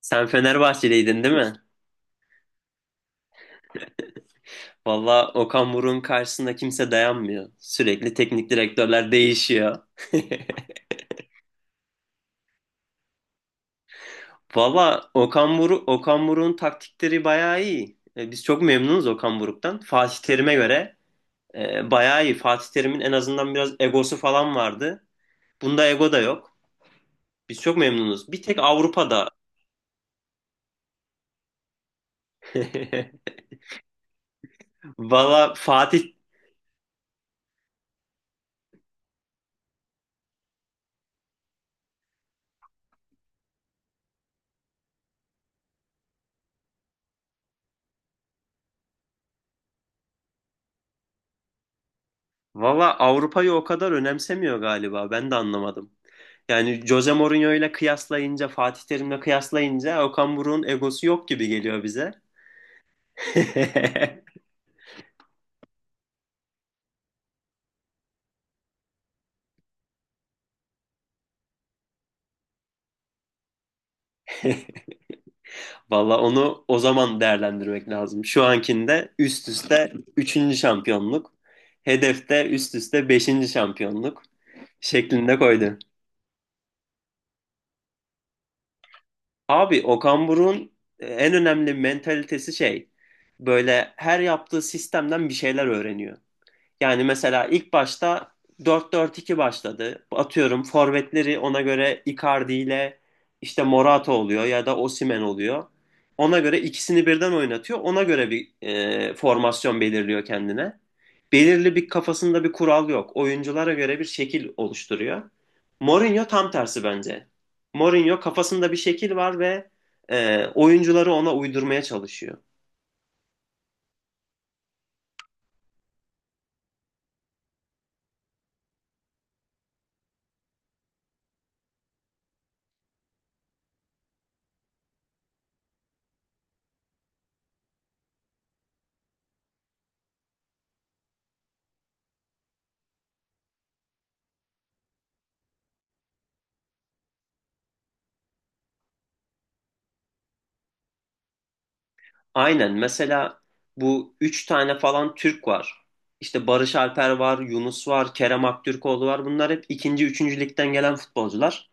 Sen Fenerbahçeliydin değil mi? Valla Okan Buruk'un karşısında kimse dayanmıyor. Sürekli teknik direktörler değişiyor. Valla Okan Buruk'un taktikleri bayağı iyi. Biz çok memnunuz Okan Buruk'tan. Fatih Terim'e göre bayağı iyi. Fatih Terim'in en azından biraz egosu falan vardı. Bunda ego da yok. Biz çok memnunuz. Bir tek Avrupa'da. Valla Fatih Valla Avrupa'yı o kadar önemsemiyor galiba. Ben de anlamadım. Yani Jose Mourinho ile kıyaslayınca, Fatih Terim'le kıyaslayınca Okan Buruk'un egosu yok gibi geliyor bize. Valla onu o zaman değerlendirmek lazım. Şu ankinde üst üste üçüncü şampiyonluk, hedefte üst üste beşinci şampiyonluk şeklinde koydu. Abi Okan Buruk'un en önemli mentalitesi şey, böyle her yaptığı sistemden bir şeyler öğreniyor. Yani mesela ilk başta 4-4-2 başladı. Atıyorum forvetleri ona göre Icardi ile işte Morata oluyor ya da Osimhen oluyor. Ona göre ikisini birden oynatıyor. Ona göre bir formasyon belirliyor kendine. Belirli bir kafasında bir kural yok. Oyunculara göre bir şekil oluşturuyor. Mourinho tam tersi bence. Mourinho kafasında bir şekil var ve oyuncuları ona uydurmaya çalışıyor. Aynen. Mesela bu üç tane falan Türk var. İşte Barış Alper var, Yunus var, Kerem Aktürkoğlu var. Bunlar hep ikinci, üçüncü ligden gelen futbolcular.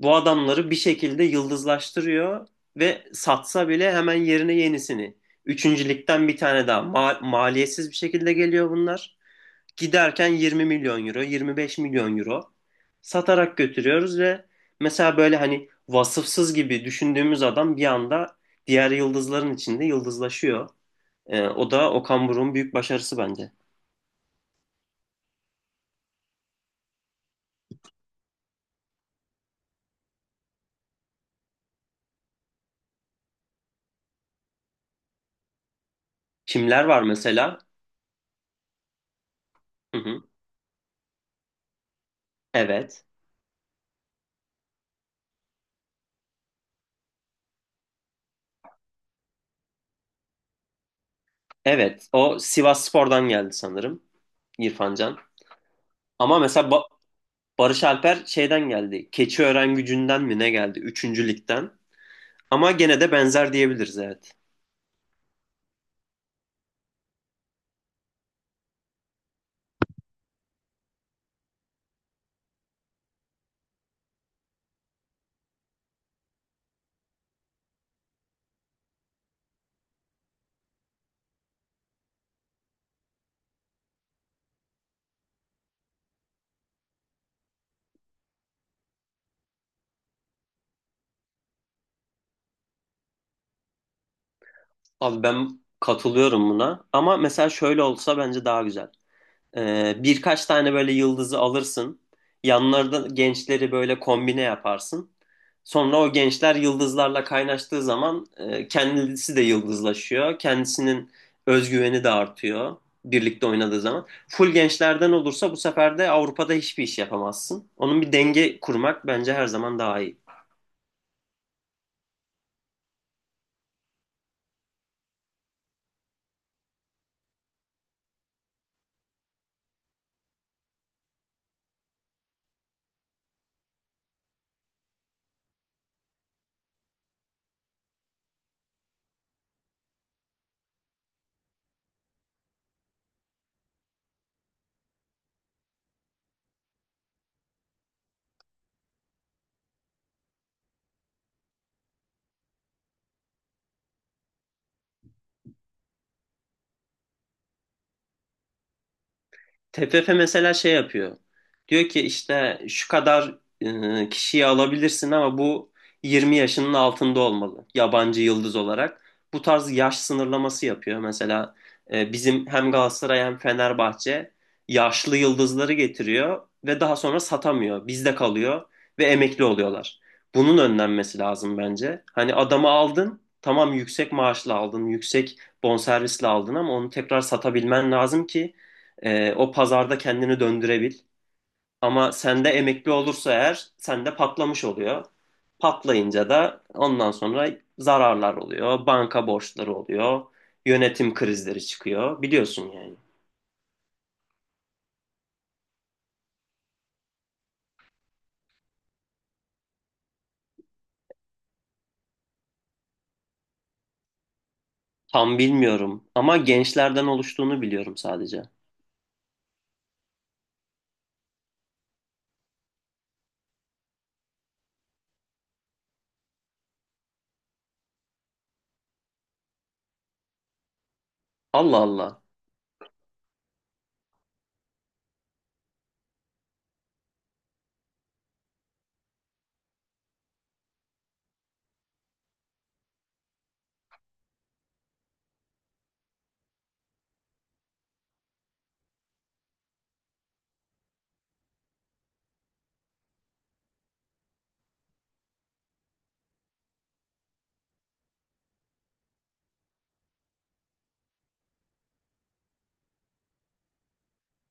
Bu adamları bir şekilde yıldızlaştırıyor ve satsa bile hemen yerine yenisini. Üçüncü ligden bir tane daha. Maliyetsiz bir şekilde geliyor bunlar. Giderken 20 milyon euro, 25 milyon euro satarak götürüyoruz ve mesela böyle hani vasıfsız gibi düşündüğümüz adam bir anda diğer yıldızların içinde yıldızlaşıyor. O da Okan Buruk'un büyük başarısı bence. Kimler var mesela? Hı hı. Evet. Evet. O Sivasspor'dan geldi sanırım İrfan Can. Ama mesela Barış Alper şeyden geldi. Keçiören Gücü'nden mi ne geldi? Üçüncü ligden. Ama gene de benzer diyebiliriz, evet. Abi ben katılıyorum buna ama mesela şöyle olsa bence daha güzel. Birkaç tane böyle yıldızı alırsın. Yanlarında gençleri böyle kombine yaparsın. Sonra o gençler yıldızlarla kaynaştığı zaman kendisi de yıldızlaşıyor. Kendisinin özgüveni de artıyor birlikte oynadığı zaman. Full gençlerden olursa bu sefer de Avrupa'da hiçbir iş yapamazsın. Onun bir denge kurmak bence her zaman daha iyi. TFF mesela şey yapıyor. Diyor ki işte şu kadar kişiyi alabilirsin ama bu 20 yaşının altında olmalı yabancı yıldız olarak. Bu tarz yaş sınırlaması yapıyor. Mesela bizim hem Galatasaray hem Fenerbahçe yaşlı yıldızları getiriyor ve daha sonra satamıyor. Bizde kalıyor ve emekli oluyorlar. Bunun önlenmesi lazım bence. Hani adamı aldın, tamam yüksek maaşla aldın, yüksek bonservisle aldın ama onu tekrar satabilmen lazım ki o pazarda kendini döndürebil. Ama sende emekli olursa eğer sende patlamış oluyor. Patlayınca da ondan sonra zararlar oluyor, banka borçları oluyor, yönetim krizleri çıkıyor. Biliyorsun yani. Tam bilmiyorum ama gençlerden oluştuğunu biliyorum sadece. Allah Allah.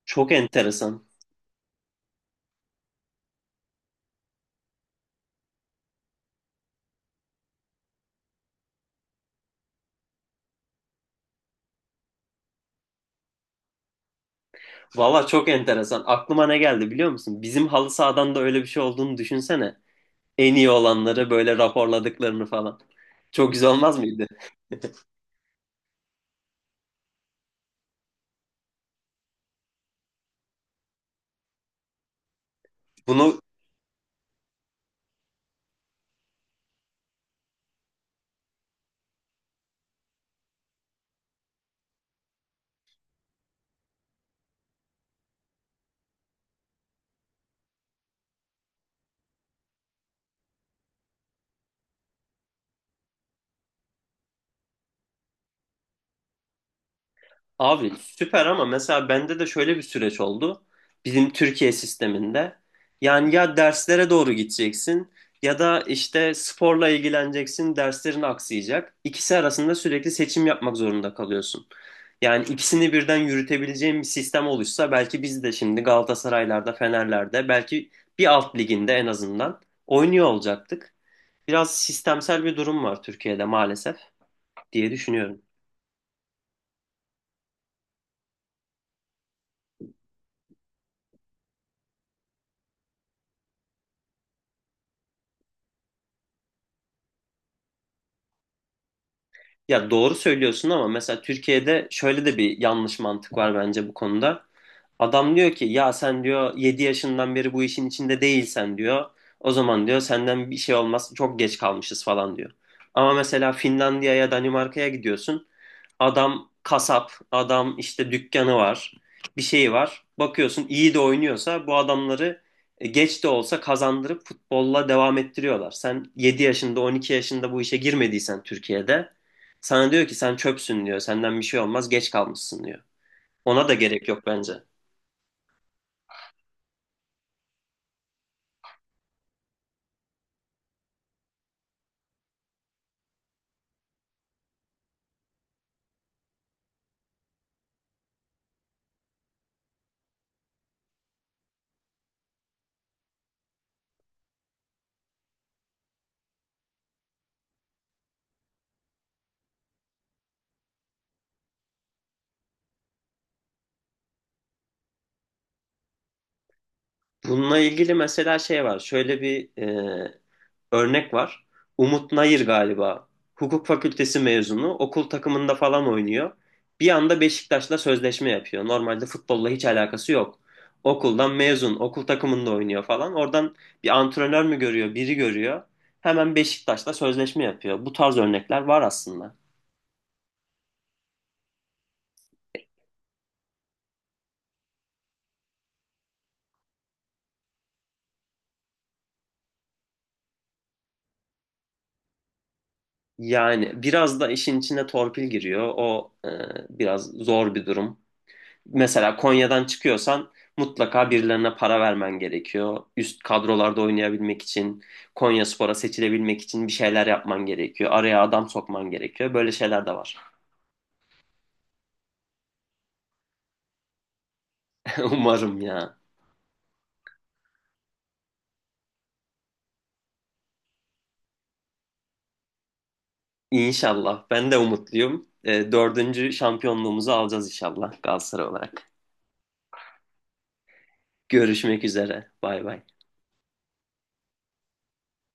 Çok enteresan. Valla çok enteresan. Aklıma ne geldi biliyor musun? Bizim halı sahadan da öyle bir şey olduğunu düşünsene. En iyi olanları böyle raporladıklarını falan. Çok güzel olmaz mıydı? Bunu Abi süper ama mesela bende de şöyle bir süreç oldu. Bizim Türkiye sisteminde. Yani ya derslere doğru gideceksin ya da işte sporla ilgileneceksin, derslerin aksayacak. İkisi arasında sürekli seçim yapmak zorunda kalıyorsun. Yani ikisini birden yürütebileceğin bir sistem oluşsa belki biz de şimdi Galatasaray'larda, Fener'lerde belki bir alt liginde en azından oynuyor olacaktık. Biraz sistemsel bir durum var Türkiye'de maalesef diye düşünüyorum. Ya doğru söylüyorsun ama mesela Türkiye'de şöyle de bir yanlış mantık var bence bu konuda. Adam diyor ki ya sen diyor 7 yaşından beri bu işin içinde değilsen diyor. O zaman diyor senden bir şey olmaz, çok geç kalmışız falan diyor. Ama mesela Finlandiya'ya, Danimarka'ya gidiyorsun. Adam kasap, adam işte dükkanı var, bir şeyi var. Bakıyorsun iyi de oynuyorsa bu adamları geç de olsa kazandırıp futbolla devam ettiriyorlar. Sen 7 yaşında 12 yaşında bu işe girmediysen Türkiye'de sana diyor ki sen çöpsün diyor. Senden bir şey olmaz, geç kalmışsın diyor. Ona da gerek yok bence. Bununla ilgili mesela şey var. Şöyle bir örnek var. Umut Nayır galiba. Hukuk fakültesi mezunu. Okul takımında falan oynuyor. Bir anda Beşiktaş'la sözleşme yapıyor. Normalde futbolla hiç alakası yok. Okuldan mezun, okul takımında oynuyor falan. Oradan bir antrenör mü görüyor, biri görüyor. Hemen Beşiktaş'la sözleşme yapıyor. Bu tarz örnekler var aslında. Yani biraz da işin içine torpil giriyor. O biraz zor bir durum. Mesela Konya'dan çıkıyorsan mutlaka birilerine para vermen gerekiyor. Üst kadrolarda oynayabilmek için, Konyaspor'a seçilebilmek için bir şeyler yapman gerekiyor. Araya adam sokman gerekiyor. Böyle şeyler de var. Umarım ya. İnşallah. Ben de umutluyum. Dördüncü şampiyonluğumuzu alacağız inşallah Galatasaray olarak. Görüşmek üzere. Bay bay.